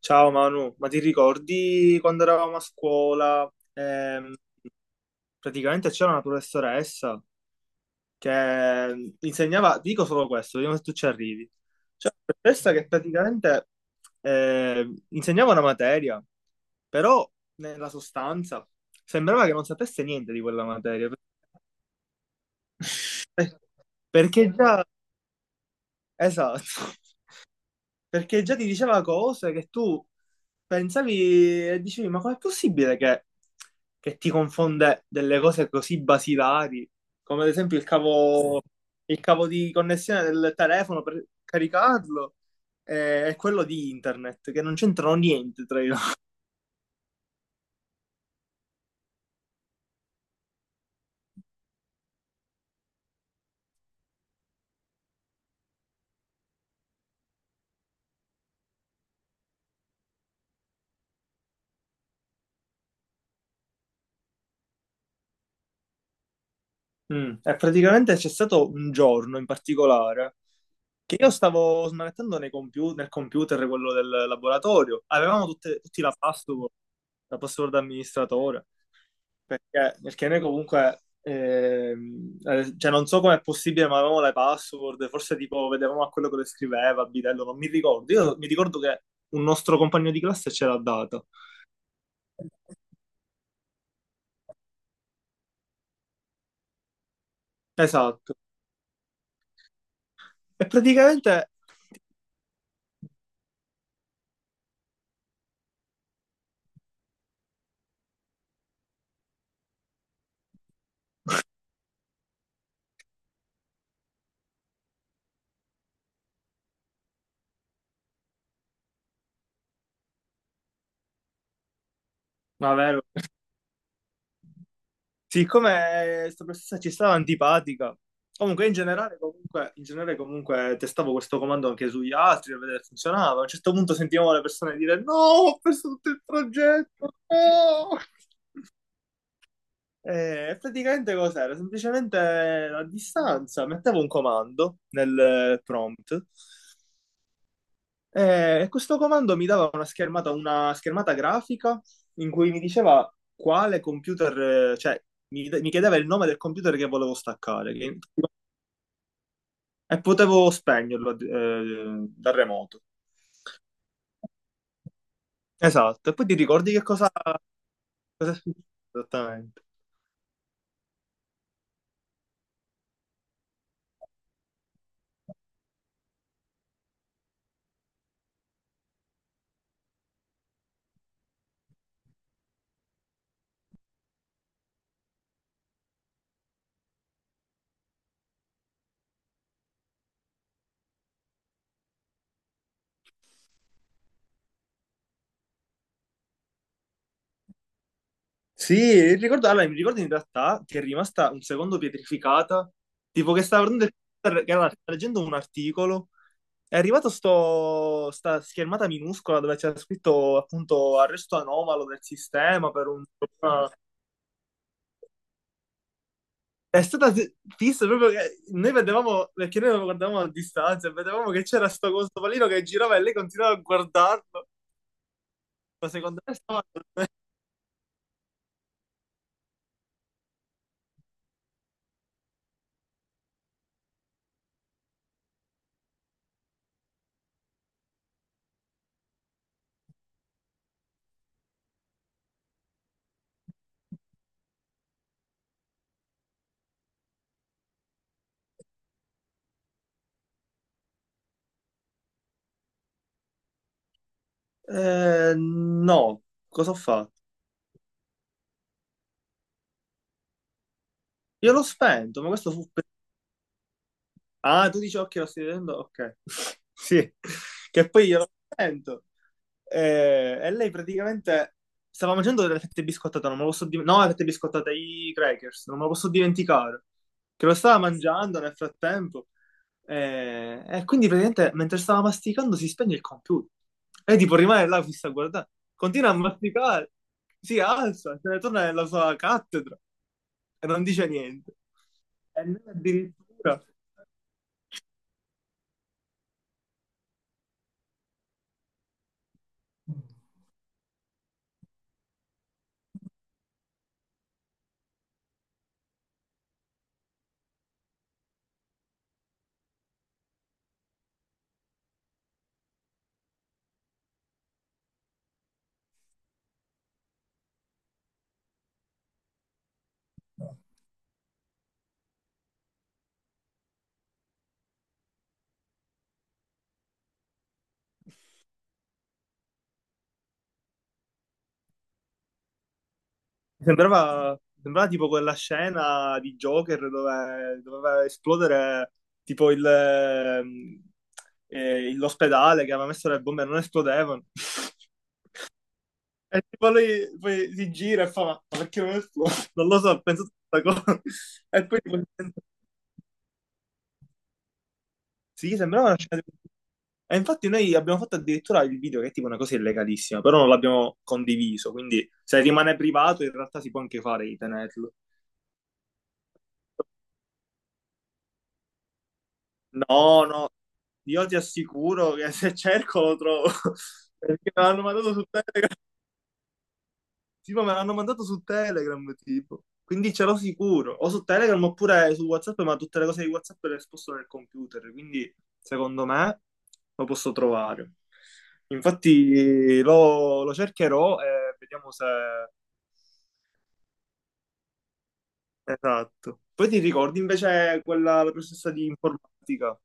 Ciao Manu, ma ti ricordi quando eravamo a scuola? Praticamente c'era una professoressa che insegnava, dico solo questo, vediamo se tu ci arrivi. C'era una professoressa che praticamente insegnava una materia, però nella sostanza sembrava che non sapesse niente di quella materia. Per- Perché già, esatto, perché già ti diceva cose che tu pensavi e dicevi, ma com'è possibile che ti confonde delle cose così basilari, come ad esempio il cavo di connessione del telefono per caricarlo e quello di internet, che non c'entrano niente tra i loro. Mm. E praticamente c'è stato un giorno in particolare che io stavo smanettando nel computer quello del laboratorio, tutti la password da amministratore. Perché noi comunque, cioè non so com'è possibile, ma avevamo le password, forse tipo vedevamo a quello che le scriveva, a bidello, non mi ricordo. Io mi ricordo che un nostro compagno di classe ce l'ha data. Esatto. E praticamente, ma vero, siccome questa professoressa ci stava antipatica, comunque in generale, comunque, in generale comunque testavo questo comando anche sugli altri per vedere se funzionava. A un certo punto sentivamo le persone dire no, ho perso tutto il progetto, no! E praticamente cos'era? Semplicemente a distanza mettevo un comando nel prompt, e questo comando mi dava una schermata grafica in cui mi diceva quale computer, cioè mi chiedeva il nome del computer che volevo e potevo spegnerlo da remoto. Esatto, e poi ti ricordi che cosa cosa è successo esattamente? Sì, ricordo, allora, mi ricordo in realtà che è rimasta un secondo pietrificata, tipo che stava guardando stava leggendo un articolo, è arrivata sta schermata minuscola dove c'era scritto appunto arresto anomalo del sistema per un problema. È stata fi- Fissa proprio che noi vedevamo, perché noi lo guardavamo a distanza, e vedevamo che c'era questo pallino che girava e lei continuava a guardarlo, ma secondo me stava... no, cosa ho fatto? Io l'ho spento, ma questo fu... Ah, tu dici occhio, lo stai vedendo? Ok. Sì, che poi io lo sento. Lei praticamente stava mangiando delle fette biscottate, non me lo posso dimenticare. No, le fette biscottate, i crackers, non me lo posso dimenticare. Che lo stava mangiando nel frattempo. Quindi praticamente mentre stava masticando si spegne il computer. E tipo rimane là fissa a guardare. Continua a masticare. Si alza, se ne torna nella sua cattedra e non dice niente. E noi addirittura. Mi sembrava tipo quella scena di Joker dove doveva esplodere tipo l'ospedale che aveva messo le bombe e non esplodevano. E tipo lui poi si gira e fa, ma perché non esplode? Non lo so, ho pensato a questa cosa. E poi tipo, sì, sembrava una scena di... E infatti noi abbiamo fatto addirittura il video che è tipo una cosa illegalissima, però non l'abbiamo condiviso, quindi se rimane privato in realtà si può anche fare di tenerlo. No, no, io ti assicuro che se cerco lo trovo. Perché me l'hanno mandato su Telegram. Sì, ma me l'hanno mandato su Telegram, tipo. Quindi ce l'ho sicuro. O su Telegram oppure su WhatsApp, ma tutte le cose di WhatsApp le sposto nel computer. Quindi, secondo me, lo posso trovare. Infatti, lo cercherò e vediamo se... Esatto. Poi ti ricordi invece quella, la professoressa di informatica?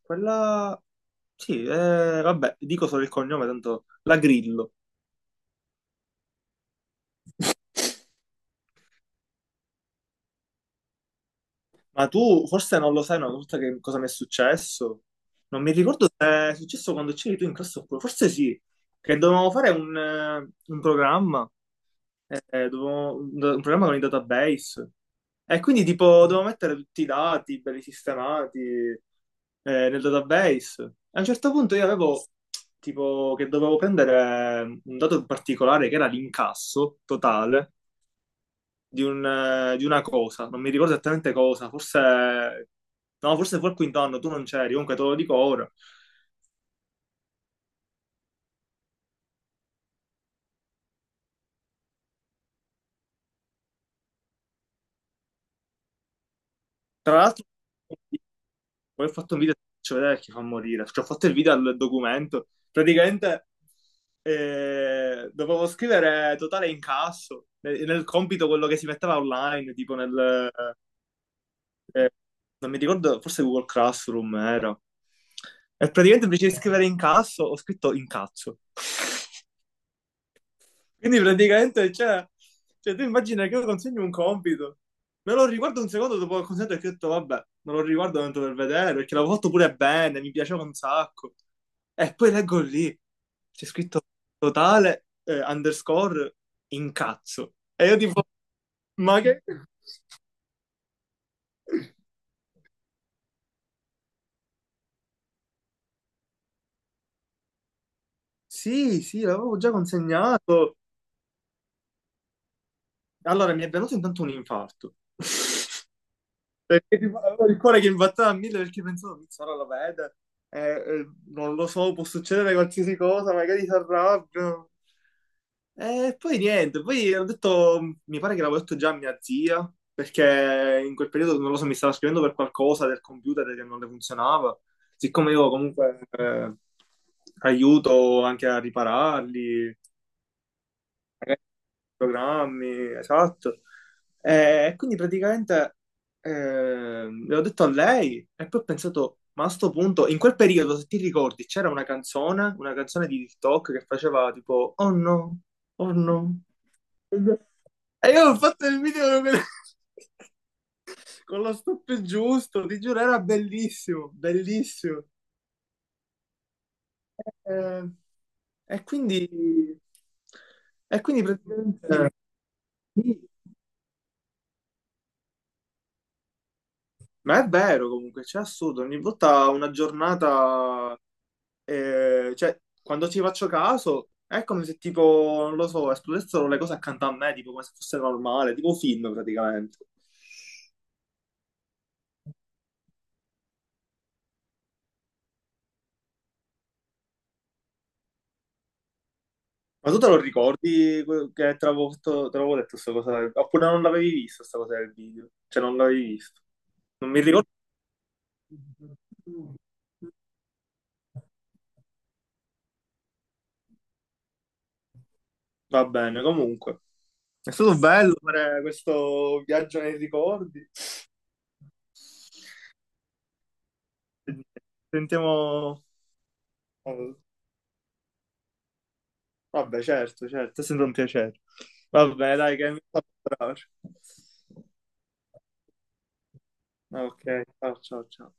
Quella... Sì, vabbè, dico solo il cognome, tanto la Grillo. Ma tu forse non lo sai una volta che cosa mi è successo? Non mi ricordo se è successo quando c'eri tu in classe oppure, forse sì, che dovevamo fare un programma, un programma con i database. E quindi tipo dovevo mettere tutti i dati belli sistemati nel database. E a un certo punto io avevo tipo che dovevo prendere un dato particolare che era l'incasso totale di, di una cosa, non mi ricordo esattamente cosa, forse, no, forse fu al quinto anno, tu non c'eri, comunque te lo dico ora. Tra l'altro, poi ho fatto un video, faccio vedere chi fa morire, cioè, ho fatto il video al documento, praticamente dovevo scrivere totale incasso, nel compito quello che si metteva online, tipo nel... eh, non mi ricordo, forse Google Classroom era. E praticamente invece di scrivere incasso, ho scritto incazzo. Quindi praticamente, cioè, tu immagina che io consegno un compito, me lo riguardo un secondo dopo che ho consegnato e che ho detto, vabbè, me lo riguardo tanto per vedere, perché l'avevo fatto pure bene, mi piaceva un sacco. E poi leggo lì, c'è scritto totale, underscore, incazzo. E io tipo, ma che... Sì, sì, l'avevo già consegnato. Allora, mi è venuto intanto un infarto. Perché tipo, avevo il cuore che imbatteva a mille perché pensavo, "Pizzo, ora lo vede, eh, non lo so, può succedere qualsiasi cosa, magari si arrabbia. E poi niente, poi ho detto, mi pare che l'avevo detto già a mia zia, perché in quel periodo, non lo so, mi stava scrivendo per qualcosa del computer che non le funzionava. Siccome io comunque aiuto anche a ripararli, programmi, esatto. E quindi praticamente l'ho detto a lei e poi ho pensato, ma a sto punto, in quel periodo, se ti ricordi, c'era una canzone di TikTok che faceva tipo, oh no, oh no. E io ho fatto il video con, con lo stop giusto, ti giuro, era bellissimo, bellissimo. Eh, e quindi, e quindi praticamente... Sì. Ma è vero comunque, c'è assurdo, ogni volta una giornata, cioè quando ci faccio caso è come se tipo, non lo so, esplodessero le cose accanto a me, tipo come se fosse normale, tipo un film praticamente. Ma tu te lo ricordi que- che te l'avevo fatto- te l'avevo detto questa cosa? Oppure non l'avevi vista questa cosa del video? Cioè non l'avevi visto? Non mi ricordo. Va bene, comunque. È stato bello fare questo viaggio nei ricordi. Sentiamo... Oh, vabbè, certo, certo, è sempre un piacere. Vabbè, dai, che mi fa bravo. Ok, ciao, ciao, ciao.